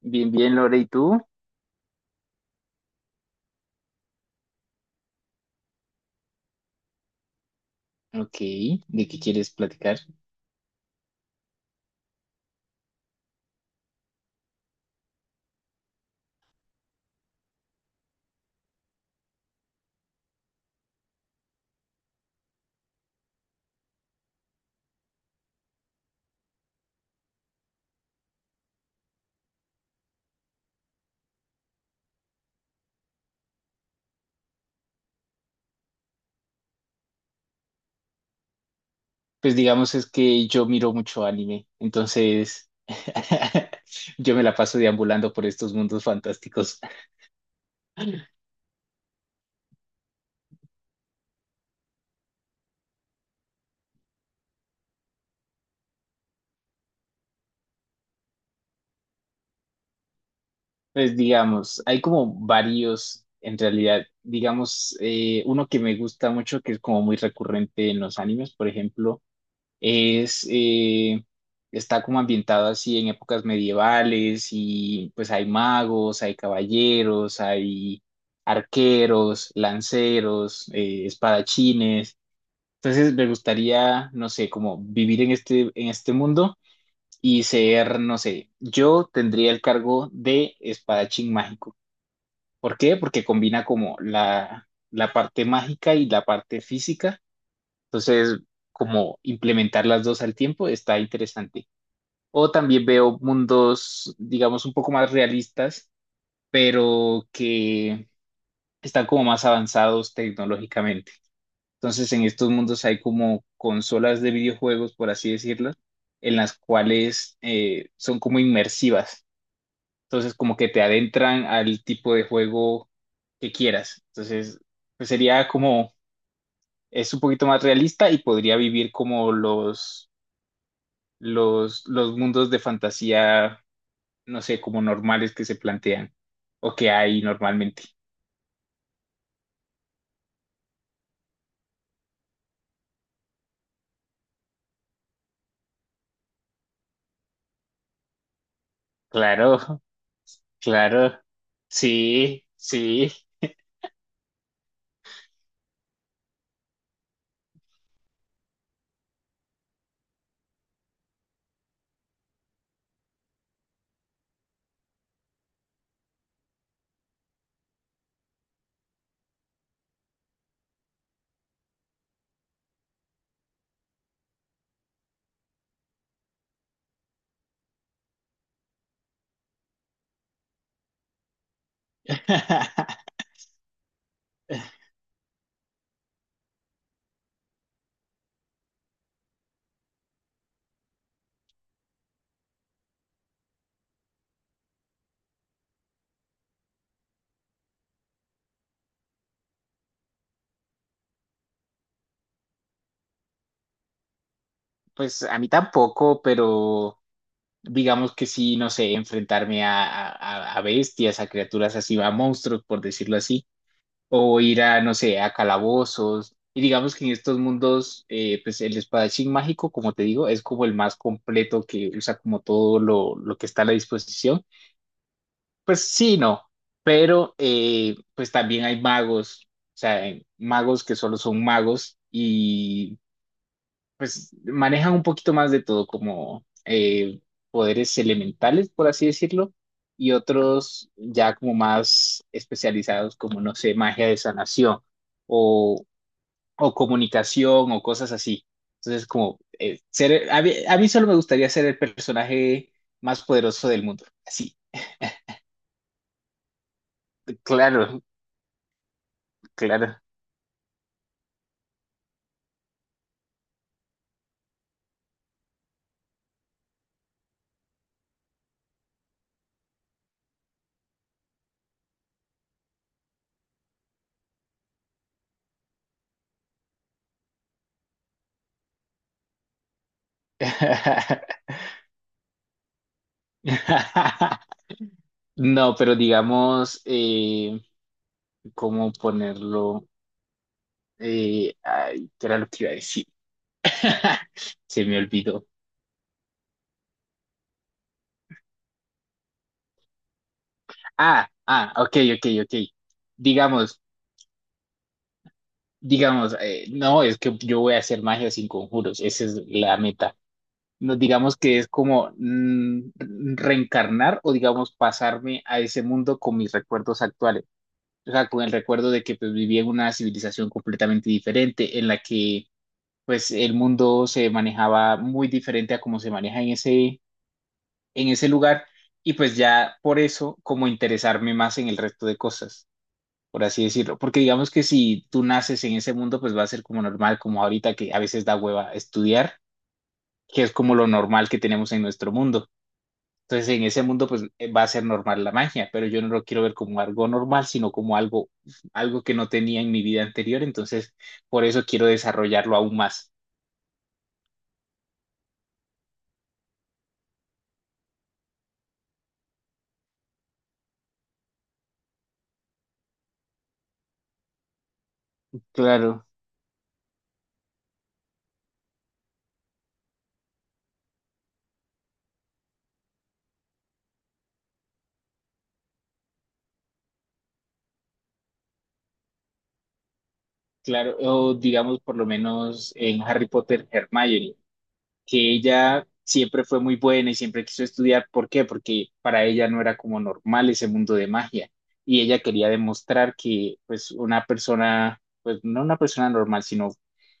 Bien, bien, Lore, ¿y tú? Ok, ¿de qué quieres platicar? Pues digamos es que yo miro mucho anime, entonces yo me la paso deambulando por estos mundos fantásticos. Pues digamos, hay como varios en realidad. Digamos, uno que me gusta mucho, que es como muy recurrente en los animes, por ejemplo. Es, está como ambientado así en épocas medievales y pues hay magos, hay caballeros, hay arqueros, lanceros, espadachines. Entonces me gustaría, no sé, como vivir en este mundo y ser, no sé, yo tendría el cargo de espadachín mágico. ¿Por qué? Porque combina como la parte mágica y la parte física. Entonces, como implementar las dos al tiempo está interesante. O también veo mundos, digamos, un poco más realistas, pero que están como más avanzados tecnológicamente. Entonces, en estos mundos hay como consolas de videojuegos, por así decirlo, en las cuales son como inmersivas. Entonces, como que te adentran al tipo de juego que quieras. Entonces, pues sería como, es un poquito más realista y podría vivir como los mundos de fantasía, no sé, como normales que se plantean o que hay normalmente. Claro, claro. Sí, sí. Pues a mí tampoco, pero digamos que sí, no sé, enfrentarme a, a bestias, a criaturas así, a monstruos, por decirlo así. O ir a, no sé, a calabozos. Y digamos que en estos mundos, pues el espadachín mágico, como te digo, es como el más completo que usa como todo lo que está a la disposición. Pues sí, no, pero pues también hay magos, o sea, hay magos que solo son magos y pues manejan un poquito más de todo, como poderes elementales, por así decirlo, y otros ya como más especializados, como no sé, magia de sanación o, o comunicación o cosas así. Entonces, como ser, a mí solo me gustaría ser el personaje más poderoso del mundo. Sí, claro, claro. No, pero digamos, ¿cómo ponerlo? Ay, ¿qué era lo que iba a decir? Se me olvidó. Ah, ah, ok, ok, ok. Digamos, digamos, no, es que yo voy a hacer magia sin conjuros, esa es la meta. No, digamos que es como mm, reencarnar o digamos pasarme a ese mundo con mis recuerdos actuales. O sea, con el recuerdo de que pues, vivía en una civilización completamente diferente, en la que pues el mundo se manejaba muy diferente a como se maneja en ese lugar y pues ya por eso como interesarme más en el resto de cosas, por así decirlo. Porque digamos que si tú naces en ese mundo, pues va a ser como normal, como ahorita que a veces da hueva estudiar, que es como lo normal que tenemos en nuestro mundo. Entonces en ese mundo pues va a ser normal la magia, pero yo no lo quiero ver como algo normal, sino como algo, algo que no tenía en mi vida anterior, entonces por eso quiero desarrollarlo aún más. Claro, claro, o digamos por lo menos en Harry Potter, Hermione, que ella siempre fue muy buena y siempre quiso estudiar. ¿Por qué? Porque para ella no era como normal ese mundo de magia y ella quería demostrar que pues una persona, pues no una persona normal, sino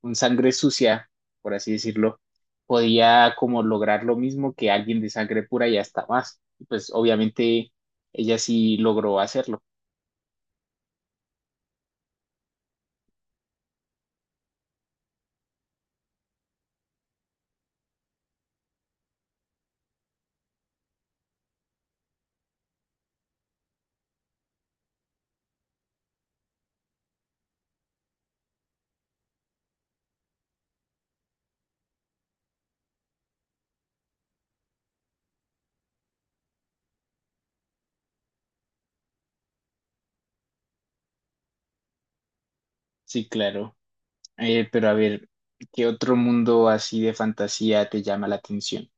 un sangre sucia, por así decirlo, podía como lograr lo mismo que alguien de sangre pura y hasta más. Y pues obviamente ella sí logró hacerlo. Sí, claro. Pero a ver, ¿qué otro mundo así de fantasía te llama la atención?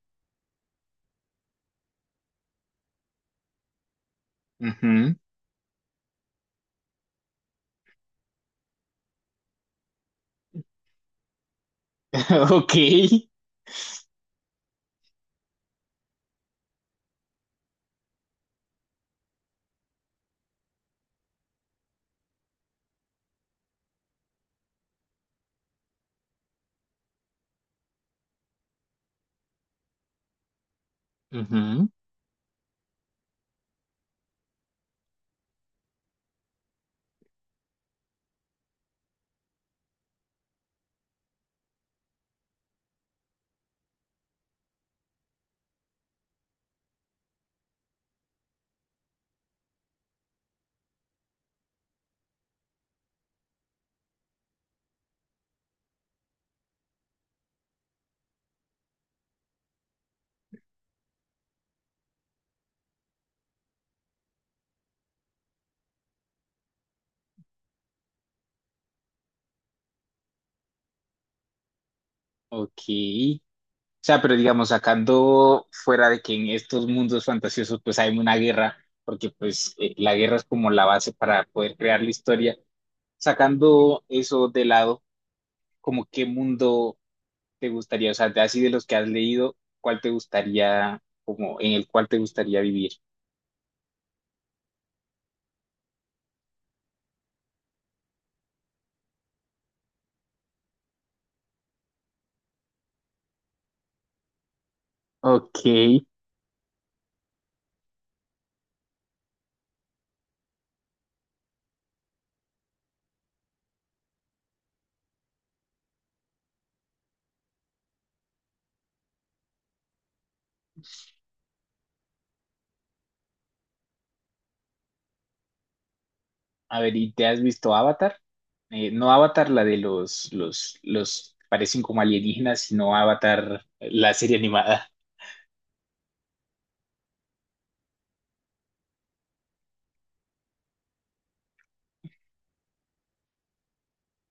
Ujú. Ok. Ujú. Ok. O sea, pero digamos, sacando fuera de que en estos mundos fantasiosos pues hay una guerra, porque pues la guerra es como la base para poder crear la historia, sacando eso de lado, como qué mundo te gustaría, o sea, de así de los que has leído, cuál te gustaría, como en el cual te gustaría vivir. Ok. A ver, ¿y te has visto Avatar? No Avatar, la de los, parecen como alienígenas, sino Avatar, la serie animada.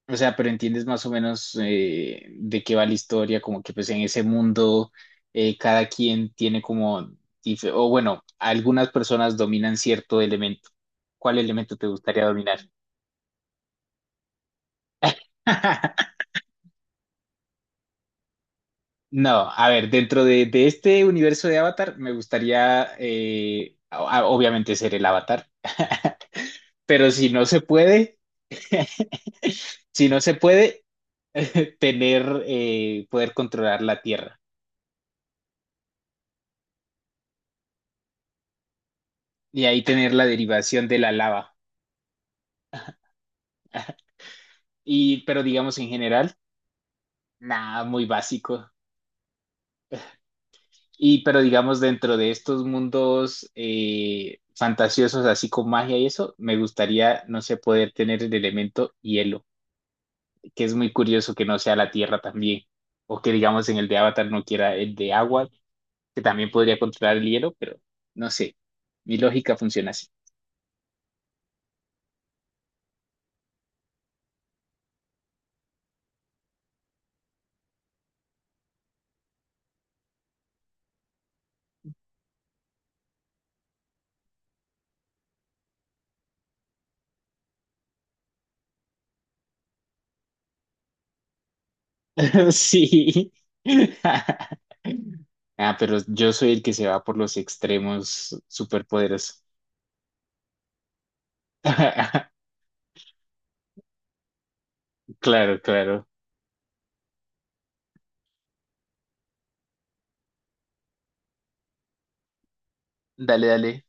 O sea, pero entiendes más o menos de qué va la historia, como que pues en ese mundo cada quien tiene como, dif- o bueno, algunas personas dominan cierto elemento. ¿Cuál elemento te gustaría dominar? No, a ver, dentro de este universo de Avatar me gustaría obviamente ser el Avatar, pero si no se puede, si no se puede, tener, poder controlar la Tierra y ahí tener la derivación de la lava. Y, pero digamos en general, nada, muy básico. Y, pero digamos dentro de estos mundos fantasiosos, así con magia y eso, me gustaría, no sé, poder tener el elemento hielo, que es muy curioso que no sea la tierra también. O que digamos en el de Avatar no quiera el de agua, que también podría controlar el hielo, pero no sé. Mi lógica funciona así. Sí. Ah, pero yo soy el que se va por los extremos superpoderosos. Claro, claro. Dale, dale.